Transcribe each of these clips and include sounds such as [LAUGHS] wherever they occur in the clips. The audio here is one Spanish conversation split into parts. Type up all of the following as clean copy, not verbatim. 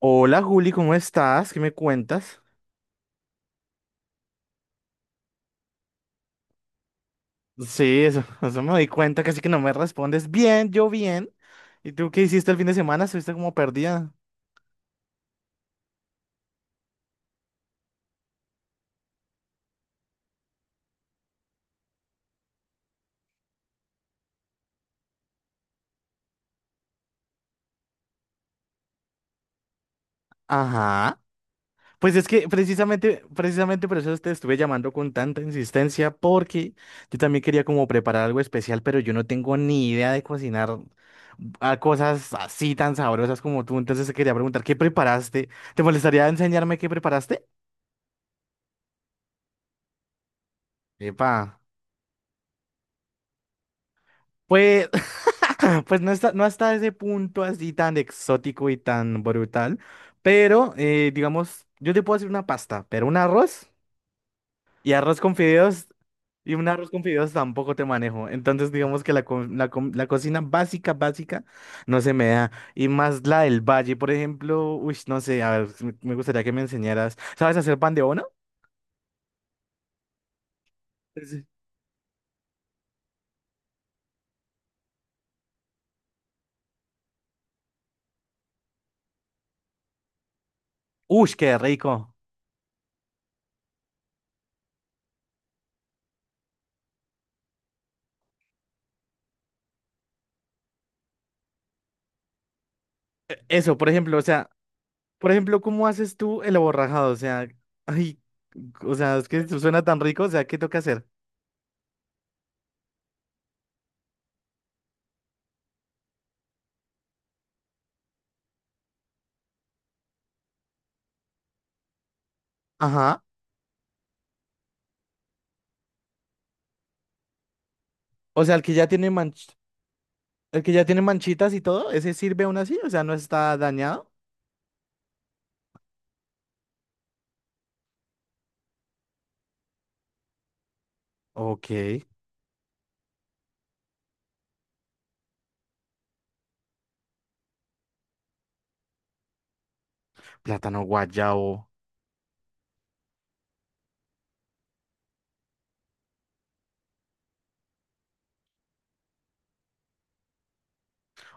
Hola Juli, ¿cómo estás? ¿Qué me cuentas? Sí, eso, [LAUGHS] eso me doy cuenta, casi que no me respondes. Bien, yo bien. ¿Y tú qué hiciste el fin de semana? ¿Estuviste como perdida? Ajá. Pues es que precisamente por eso te estuve llamando con tanta insistencia, porque yo también quería como preparar algo especial, pero yo no tengo ni idea de cocinar a cosas así tan sabrosas como tú. Entonces te quería preguntar, ¿qué preparaste? ¿Te molestaría enseñarme qué preparaste? Epa. Pues, [LAUGHS] pues no está, no hasta ese punto así tan exótico y tan brutal, pero digamos, yo te puedo hacer una pasta, pero un arroz. Y arroz con fideos, y un arroz con fideos tampoco te manejo. Entonces, digamos que la cocina básica, básica, no se me da. Y más la del valle, por ejemplo, uy, no sé, a ver, si me gustaría que me enseñaras. ¿Sabes hacer pan de bono? Sí. Uy, qué rico. Eso, por ejemplo, o sea, por ejemplo, ¿cómo haces tú el aborrajado? O sea, ay, o sea, es que eso suena tan rico, o sea, ¿qué toca hacer? Ajá. O sea, el que ya tiene manchitas y todo, ¿ese sirve aún así? O sea, ¿no está dañado? Ok. Plátano guayabo.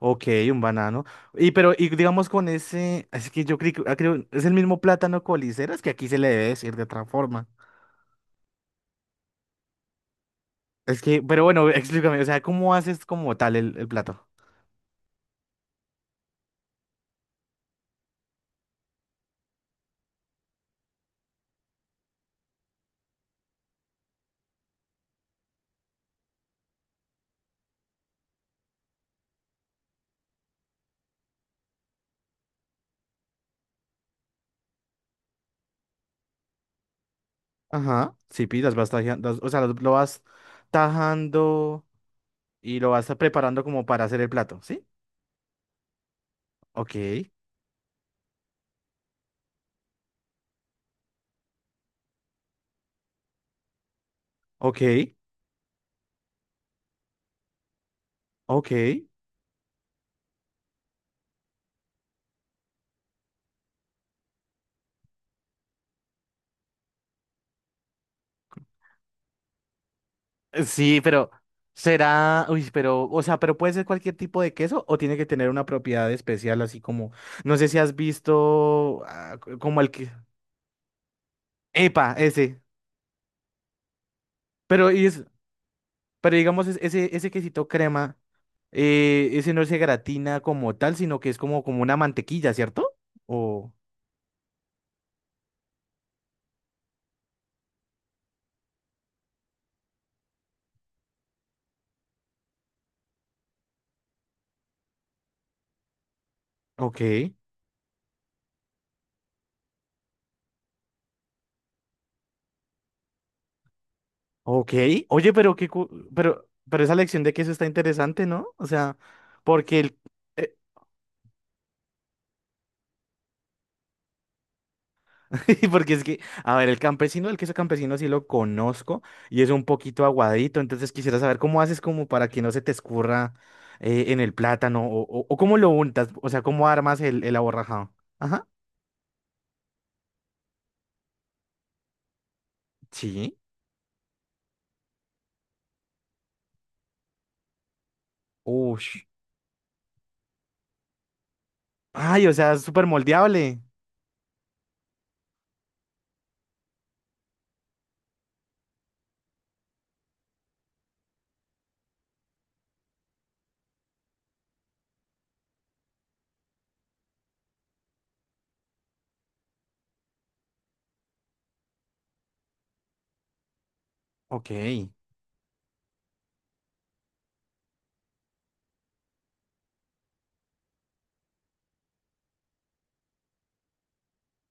Ok, un banano. Y pero, y digamos con ese, es que yo creo, es el mismo plátano coliseras que aquí se le debe decir de otra forma. Es que, pero bueno, [LAUGHS] explícame, o sea, ¿cómo haces como tal el plato? Ajá. Sí, pi, las vas tajando, o sea, lo vas tajando y lo vas preparando como para hacer el plato, ¿sí? Ok, ok, ok. Sí, pero será, uy, pero, o sea, pero puede ser cualquier tipo de queso o tiene que tener una propiedad especial, así como, no sé si has visto como el que, epa, ese, pero y es, pero digamos ese quesito crema, ese no se gratina como tal, sino que es como, como una mantequilla, ¿cierto? O, ok, ok, oye, pero esa lección de queso está interesante, ¿no? O sea, porque el, eh, [LAUGHS] porque es que, a ver, el campesino, el queso campesino sí lo conozco y es un poquito aguadito, entonces quisiera saber cómo haces como para que no se te escurra en el plátano o cómo lo untas, o sea, cómo armas el aborrajado. Ajá, sí. Ush. Ay, o sea, es súper moldeable. Ok.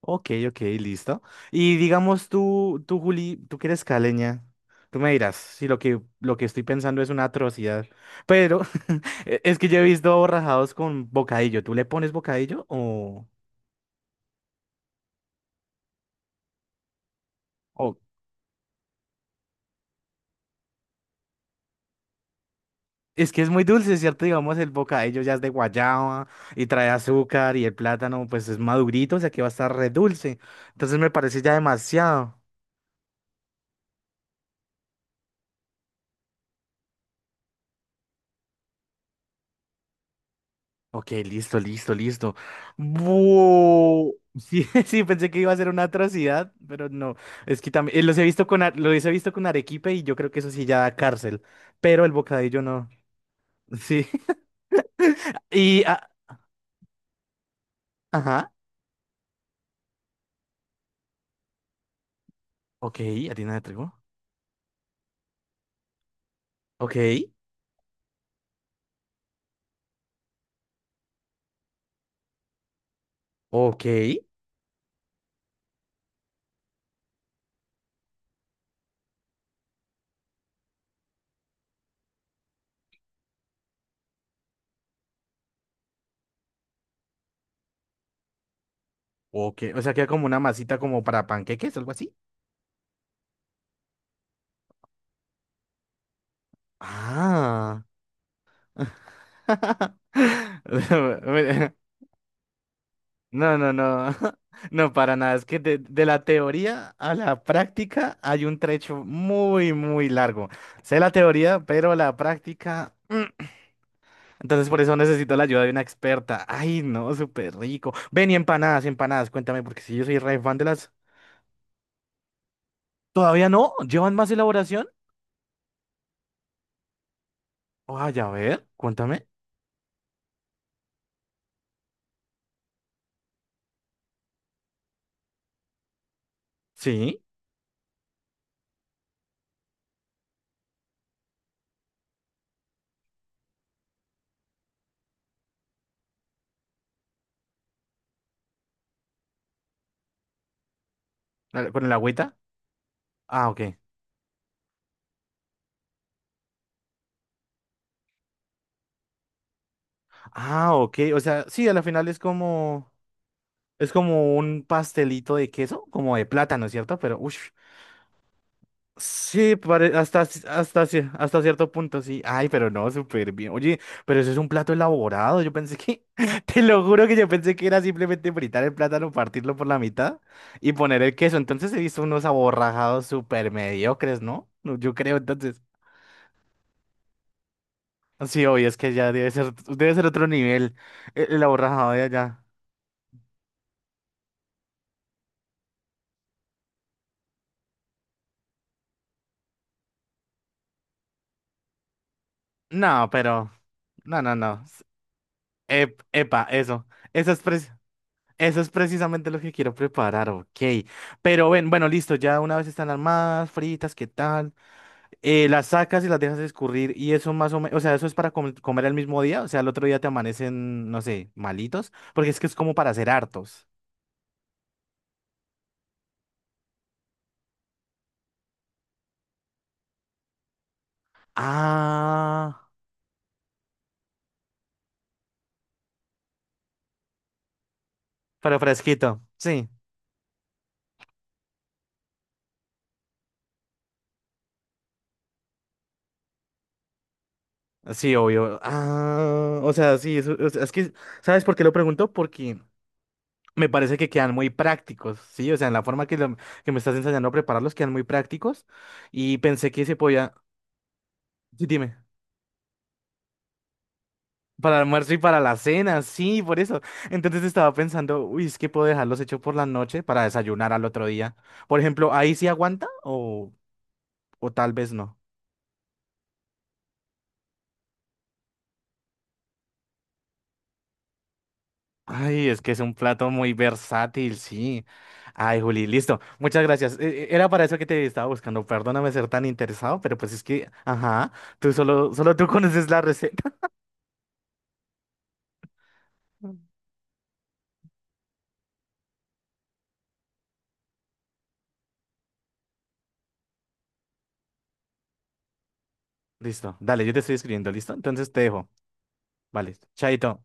Ok, ok, listo. Y digamos Juli, tú que eres caleña, tú me dirás si lo que estoy pensando es una atrocidad, pero [LAUGHS] es que yo he visto borrajados con bocadillo. ¿Tú le pones bocadillo o- Es que es muy dulce, ¿cierto? Digamos, el bocadillo ya es de guayaba y trae azúcar y el plátano pues es madurito, o sea que va a estar re dulce. Entonces me parece ya demasiado. Ok, listo, listo, listo. Bu- Sí, [LAUGHS] sí, pensé que iba a ser una atrocidad, pero no. Es que también los he visto los he visto con arequipe y yo creo que eso sí ya da cárcel, pero el bocadillo no. Sí. [LAUGHS] Y, ah, ajá. Ok, harina de trigo. Ok, ok, ok. O sea, queda como una masita como para panqueques, algo así. Ah. [LAUGHS] [LAUGHS] No, no, no, [LAUGHS] no, para nada. Es que de la teoría a la práctica hay un trecho muy, muy largo. Sé la teoría, pero la práctica, Entonces por eso necesito la ayuda de una experta. Ay, no, súper rico. Ven y empanadas, empanadas, cuéntame, porque si yo soy re fan de las. ¿Todavía no? ¿Llevan más elaboración? Vaya, a ver, cuéntame. Sí, con el agüita. Ah, ok. Ah, ok. O sea, sí, a la final es como. Es como un pastelito de queso, como de plátano, ¿cierto? Pero, uff. Sí, hasta cierto punto, sí. Ay, pero no, súper bien. Oye, pero eso es un plato elaborado. Yo pensé que, [LAUGHS] te lo juro que yo pensé que era simplemente fritar el plátano, partirlo por la mitad y poner el queso. Entonces he visto unos aborrajados súper mediocres, ¿no? No, yo creo, entonces. Sí, obvio, es que ya debe ser otro nivel el aborrajado de allá. No, pero, no, no, no. Epa, eso. Eso es, eso es precisamente lo que quiero preparar, ok. Pero ven, bueno, listo, ya una vez están armadas, fritas, ¿qué tal? Las sacas y las dejas escurrir y eso más o menos, o sea, eso es para comer el mismo día, o sea, el otro día te amanecen, no sé, malitos, porque es que es como para hacer hartos. Ah, pero fresquito, sí, sí, obvio. Ah, o sea, sí, o sea, es que, ¿sabes por qué lo pregunto? Porque me parece que quedan muy prácticos, ¿sí? O sea, en la forma que me estás enseñando a prepararlos quedan muy prácticos y pensé que se podía, sí, dime, para el almuerzo y para la cena, sí, por eso. Entonces estaba pensando, uy, es que puedo dejarlos hechos por la noche para desayunar al otro día. Por ejemplo, ¿ahí sí aguanta o tal vez no? Ay, es que es un plato muy versátil, sí. Ay, Juli, listo. Muchas gracias. Era para eso que te estaba buscando. Perdóname ser tan interesado, pero pues es que, ajá, solo tú [LAUGHS] conoces la receta. [LAUGHS] Listo. Dale, yo te estoy escribiendo, ¿listo? Entonces te dejo. Vale. Chaito.